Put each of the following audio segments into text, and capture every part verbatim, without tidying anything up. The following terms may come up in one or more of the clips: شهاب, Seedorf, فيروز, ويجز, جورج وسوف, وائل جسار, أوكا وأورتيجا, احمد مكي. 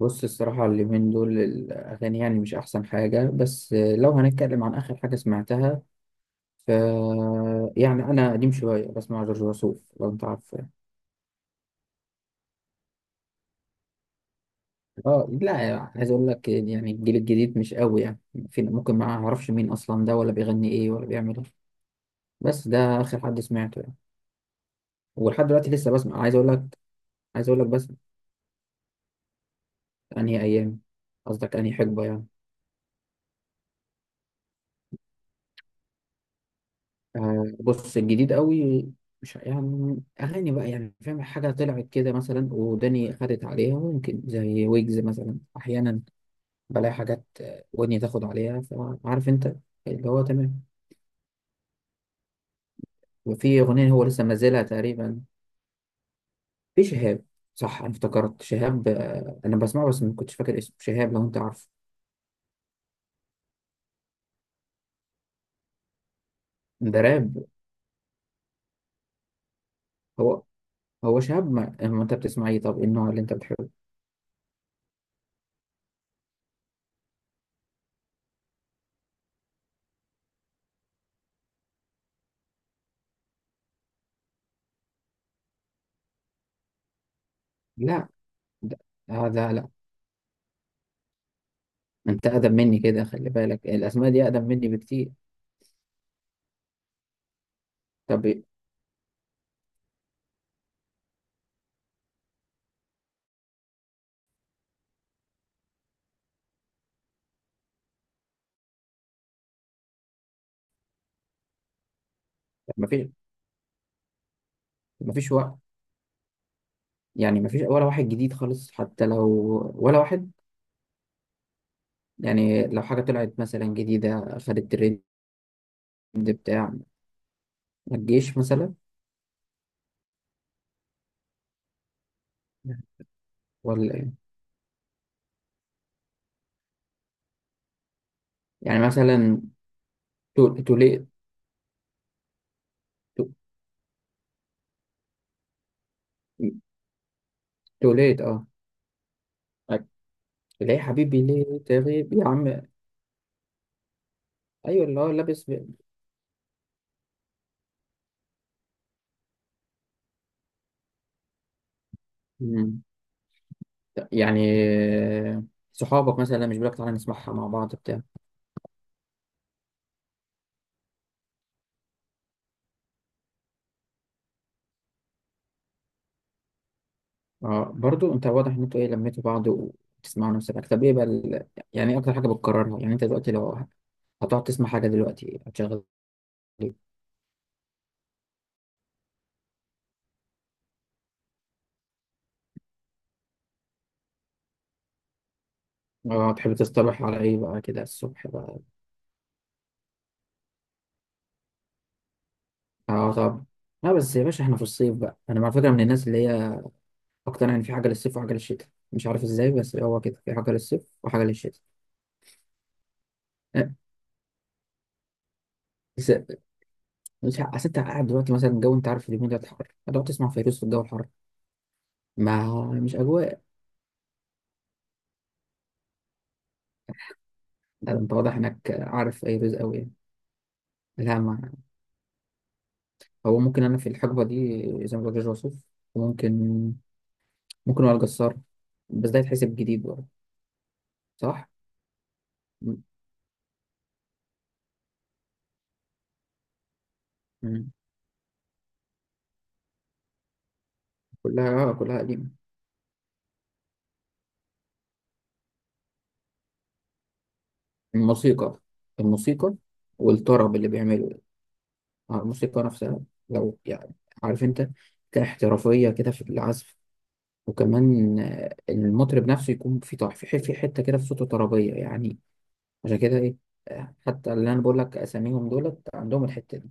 بص، الصراحة اليومين دول الأغاني يعني مش أحسن حاجة. بس لو هنتكلم عن آخر حاجة سمعتها ف يعني أنا قديم شوية بسمع جورج وسوف لو أنت عارف. آه، لا. عايز أقول لك يعني الجيل الجديد مش قوي يعني. فين؟ ممكن ما أعرفش مين أصلا ده ولا بيغني إيه ولا بيعمل إيه. بس ده آخر حد سمعته يعني. ولحد دلوقتي لسه بسمع، عايز أقول لك. عايز أقول لك بس أنهي أيام؟ قصدك أنهي حقبة يعني؟ آه، بص الجديد قوي، مش يعني اغاني بقى، يعني فاهم حاجه طلعت كده مثلا وداني خدت عليها، ممكن زي ويجز مثلا احيانا بلاقي حاجات، آه، ودني تاخد عليها، فعارف انت اللي هو تمام. وفي اغنيه هو لسه منزلها تقريبا، في شهاب. صح، انا افتكرت شهاب. آه، انا بسمعه بس ما كنتش فاكر اسمه شهاب لو انت عارفه. ده راب. هو هو شهاب. ما, ما انت بتسمع ايه؟ طب إيه النوع اللي انت بتحبه؟ لا، ده آه، ده لا. انت اقدم مني كده، خلي بالك الاسماء دي اقدم مني بكتير. طب إيه؟ ما فيش. ما فيش وقت. يعني ما فيش ولا واحد جديد خالص حتى لو، ولا واحد. يعني لو حاجة طلعت مثلا جديدة خدت ترند بتاع الجيش مثلا، ولا إيه؟ يعني مثلا تو- توليت. تو- توليت، اه. ليه يا حبيبي ليه تغيب يا عم. ايوه اللي هو لابس ب... مم. يعني صحابك مثلا مش بيقولك تعالى نسمعها مع بعض بتاع؟ اه، برضو انت واضح ان انتوا ايه لميتوا بعض وتسمعوا نفس الحاجه. طب ايه بقى ال-؟ يعني ايه اكتر حاجه بتكررها؟ يعني انت دلوقتي لو هتقعد تسمع حاجه دلوقتي هتشغل ايه؟ اه، تحب تصطبح على ايه بقى كده الصبح بقى؟ اه، طب، لا بس يا باشا احنا في الصيف بقى. انا على فكره من الناس اللي هي اقتنع ان في حاجه للصيف وحاجه للشتاء، مش عارف ازاي، بس هو كده، في حاجه للصيف وحاجه للشتاء. اه، بس مش ع- اصل انت قاعد دلوقتي مثلا الجو، انت عارف اليومين ده حر، هتقعد تسمع فيروز في الجو الحر؟ ما مش اجواء. لا، انت واضح انك عارف فيروز قوي يعني. لا، ما هو ممكن انا في الحقبه دي زي ما بقول وصوف، وممكن، ممكن وائل جسار، بس ده يتحسب جديد برضه. صح. م- م. كلها، آه، كلها قديمه. الموسيقى. الموسيقى والطرب اللي بيعمله. آه، الموسيقى نفسها لو يعني، عارف انت، كاحترافيه كده في العزف، وكمان آه، المطرب نفسه يكون في طع في ح- في حته كده في صوته طربيه يعني. عشان كده ايه، آه، حتى اللي انا بقول لك اساميهم دولت عندهم الحته دي،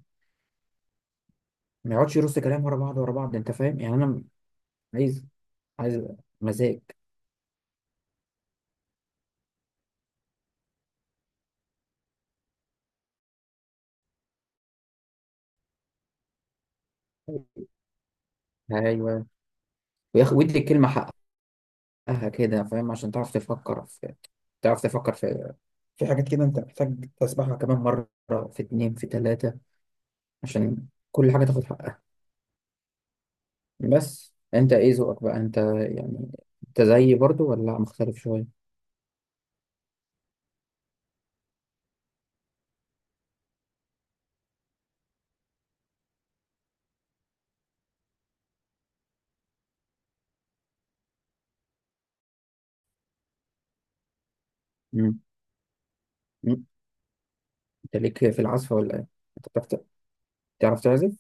ما يقعدش يرص كلام ورا بعض ورا بعض. انت فاهم يعني. انا عايز عايز مزاج. ايوه، وياخ- ويدي الكلمه حقها كده فاهم، عشان تعرف تفكر في تعرف تفكر في في حاجات كده انت محتاج تسمعها كمان مره. في اتنين، في تلاته، عشان كل حاجه تاخد حقها. بس انت ايه ذوقك بقى انت؟ يعني انت زيي برضو ولا مختلف شويه؟ مم. مم. انت ليك في العزف ولا ايه؟ انت بتعرف ت- تعرف تعزف؟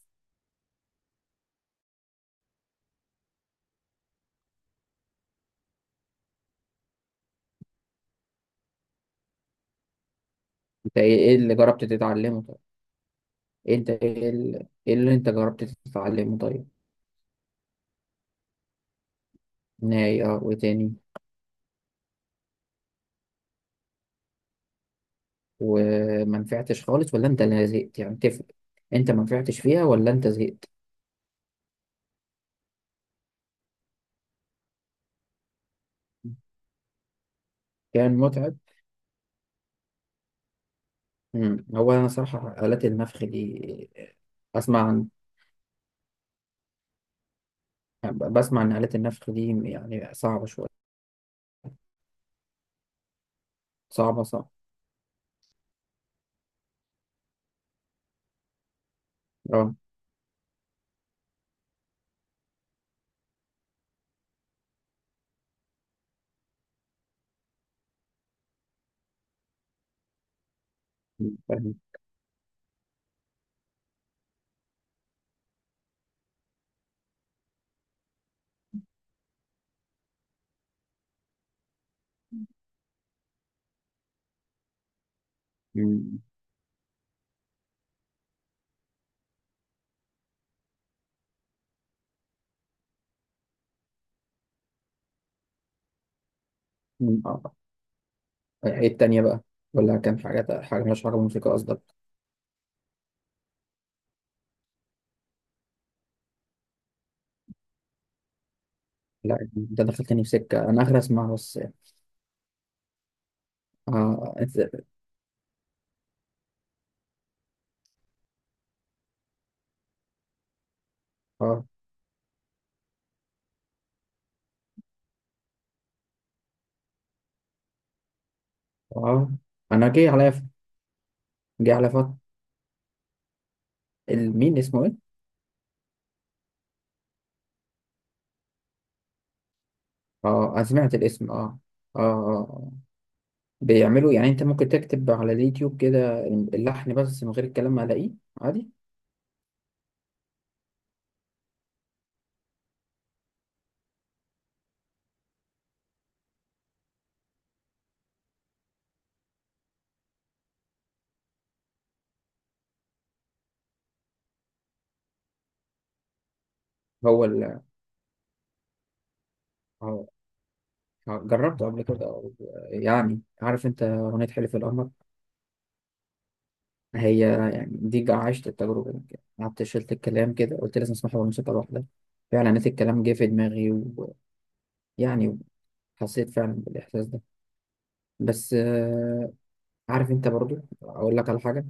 انت ايه، إيه اللي جربت تتعلمه طيب؟ إيه؟ انت ايه اللي, إيه اللي انت جربت تتعلمه طيب؟ ناي. اه، وايه تاني؟ وما نفعتش خالص ولا انت اللي زهقت؟ يعني تفرق. انت ما نفعتش فيها ولا انت زهقت؟ كان متعب. مم. هو انا صراحة آلات النفخ دي، اسمع عن بسمع ان آلات النفخ دي يعني صعبة شوية. صعبة صعبة. اه، فاهم. مم. مم. اه، ايه التانية بقى؟ ولا كان حاجات حاجة مالهاش علاقة بالموسيقى قصدك؟ لا، انت دخلتني في سكة، انا اخر اسمع بس. اه، انت-. اه، اه، انا جاي عليا ف- جاي على فترة. مين اسمه ايه؟ اه، انا سمعت الاسم، اه. اه، اه، آه. بيعملوا يعني انت ممكن تكتب على اليوتيوب كده اللحن بس من غير الكلام هلاقيه عادي. هو ال آه، آه، جربته قبل كده أو-؟ يعني عارف انت اغنية حلف القمر؟ هي يعني دي عشت التجربة دي، قعدت شلت الكلام كده قلت لازم اسمعها بالموسيقى لوحدها، فعلا نسيت الكلام جه في دماغي. ويعني حسيت فعلا بالإحساس ده. بس آه، عارف انت برضو، اقول لك على حاجة.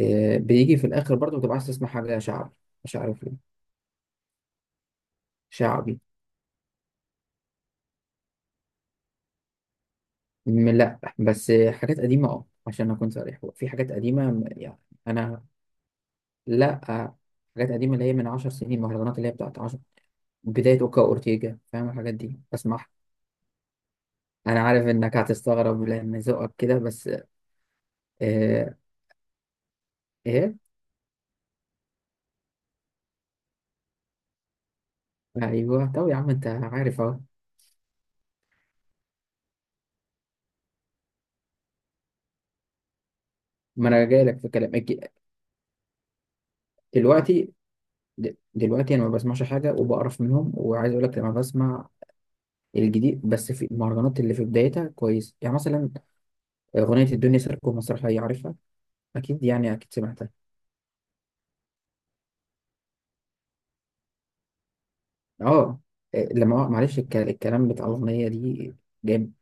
آه، بيجي في الاخر برضو بتبقى عايز تسمع حاجة شعبي. مش عارف ليه. شعبي. م- لا بس حاجات قديمة، اه، عشان أكون صريح، هو في حاجات قديمة م- يعني. أنا. لا. حاجات قديمة اللي هي من عشر سنين، مهرجانات اللي هي بتاعت عشر، بداية أوكا أورتيجا، فاهم الحاجات دي بسمعها. أنا عارف إنك هتستغرب لأن ذوقك كده بس. إيه. إيه. أيوه، طب يا عم أنت عارف أهو، ما أنا جايلك في كلام الج- دلوقتي، د- دلوقتي أنا ما بسمعش حاجة وبقرف منهم، وعايز أقول لك لما بسمع الجديد. بس في المهرجانات اللي في بدايتها كويس، يعني مثلا، أغنية الدنيا سيركو مسرحية عارفها، اكيد، يعني اكيد سمعتها، اه. إيه، لما هو- معلش، الك- الكلام بتاع الاغنيه دي جامد.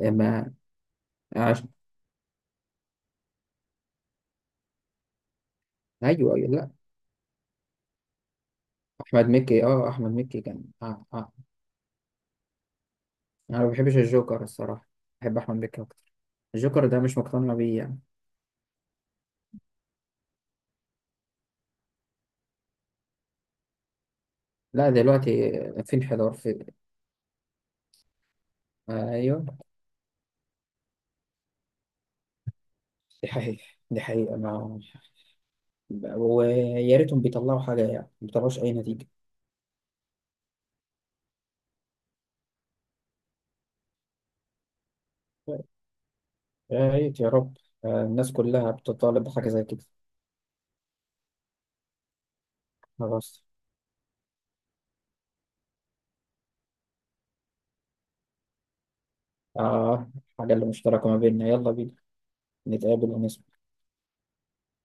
إيه، ما عش... ايوه ايوه، لا احمد مكي. اه، احمد مكي كان، آه، آه. انا ما بحبش الجوكر الصراحه، بحب احمد مكي اكتر، الجوكر ده مش مقتنع بيه يعني. لا دلوقتي في انحدار في، آه، ايوه، دي حقيقه، دي حقيقه، ما. ويا ريتهم بيطلعوا حاجه يعني، ما بيطلعوش اي نتيجه. يا ريت يا رب. آه، الناس كلها بتطالب بحاجه زي كده. خلاص. آه. حاجة اللي مشتركة ما بيننا، يلا بينا نتقابل ونسمع.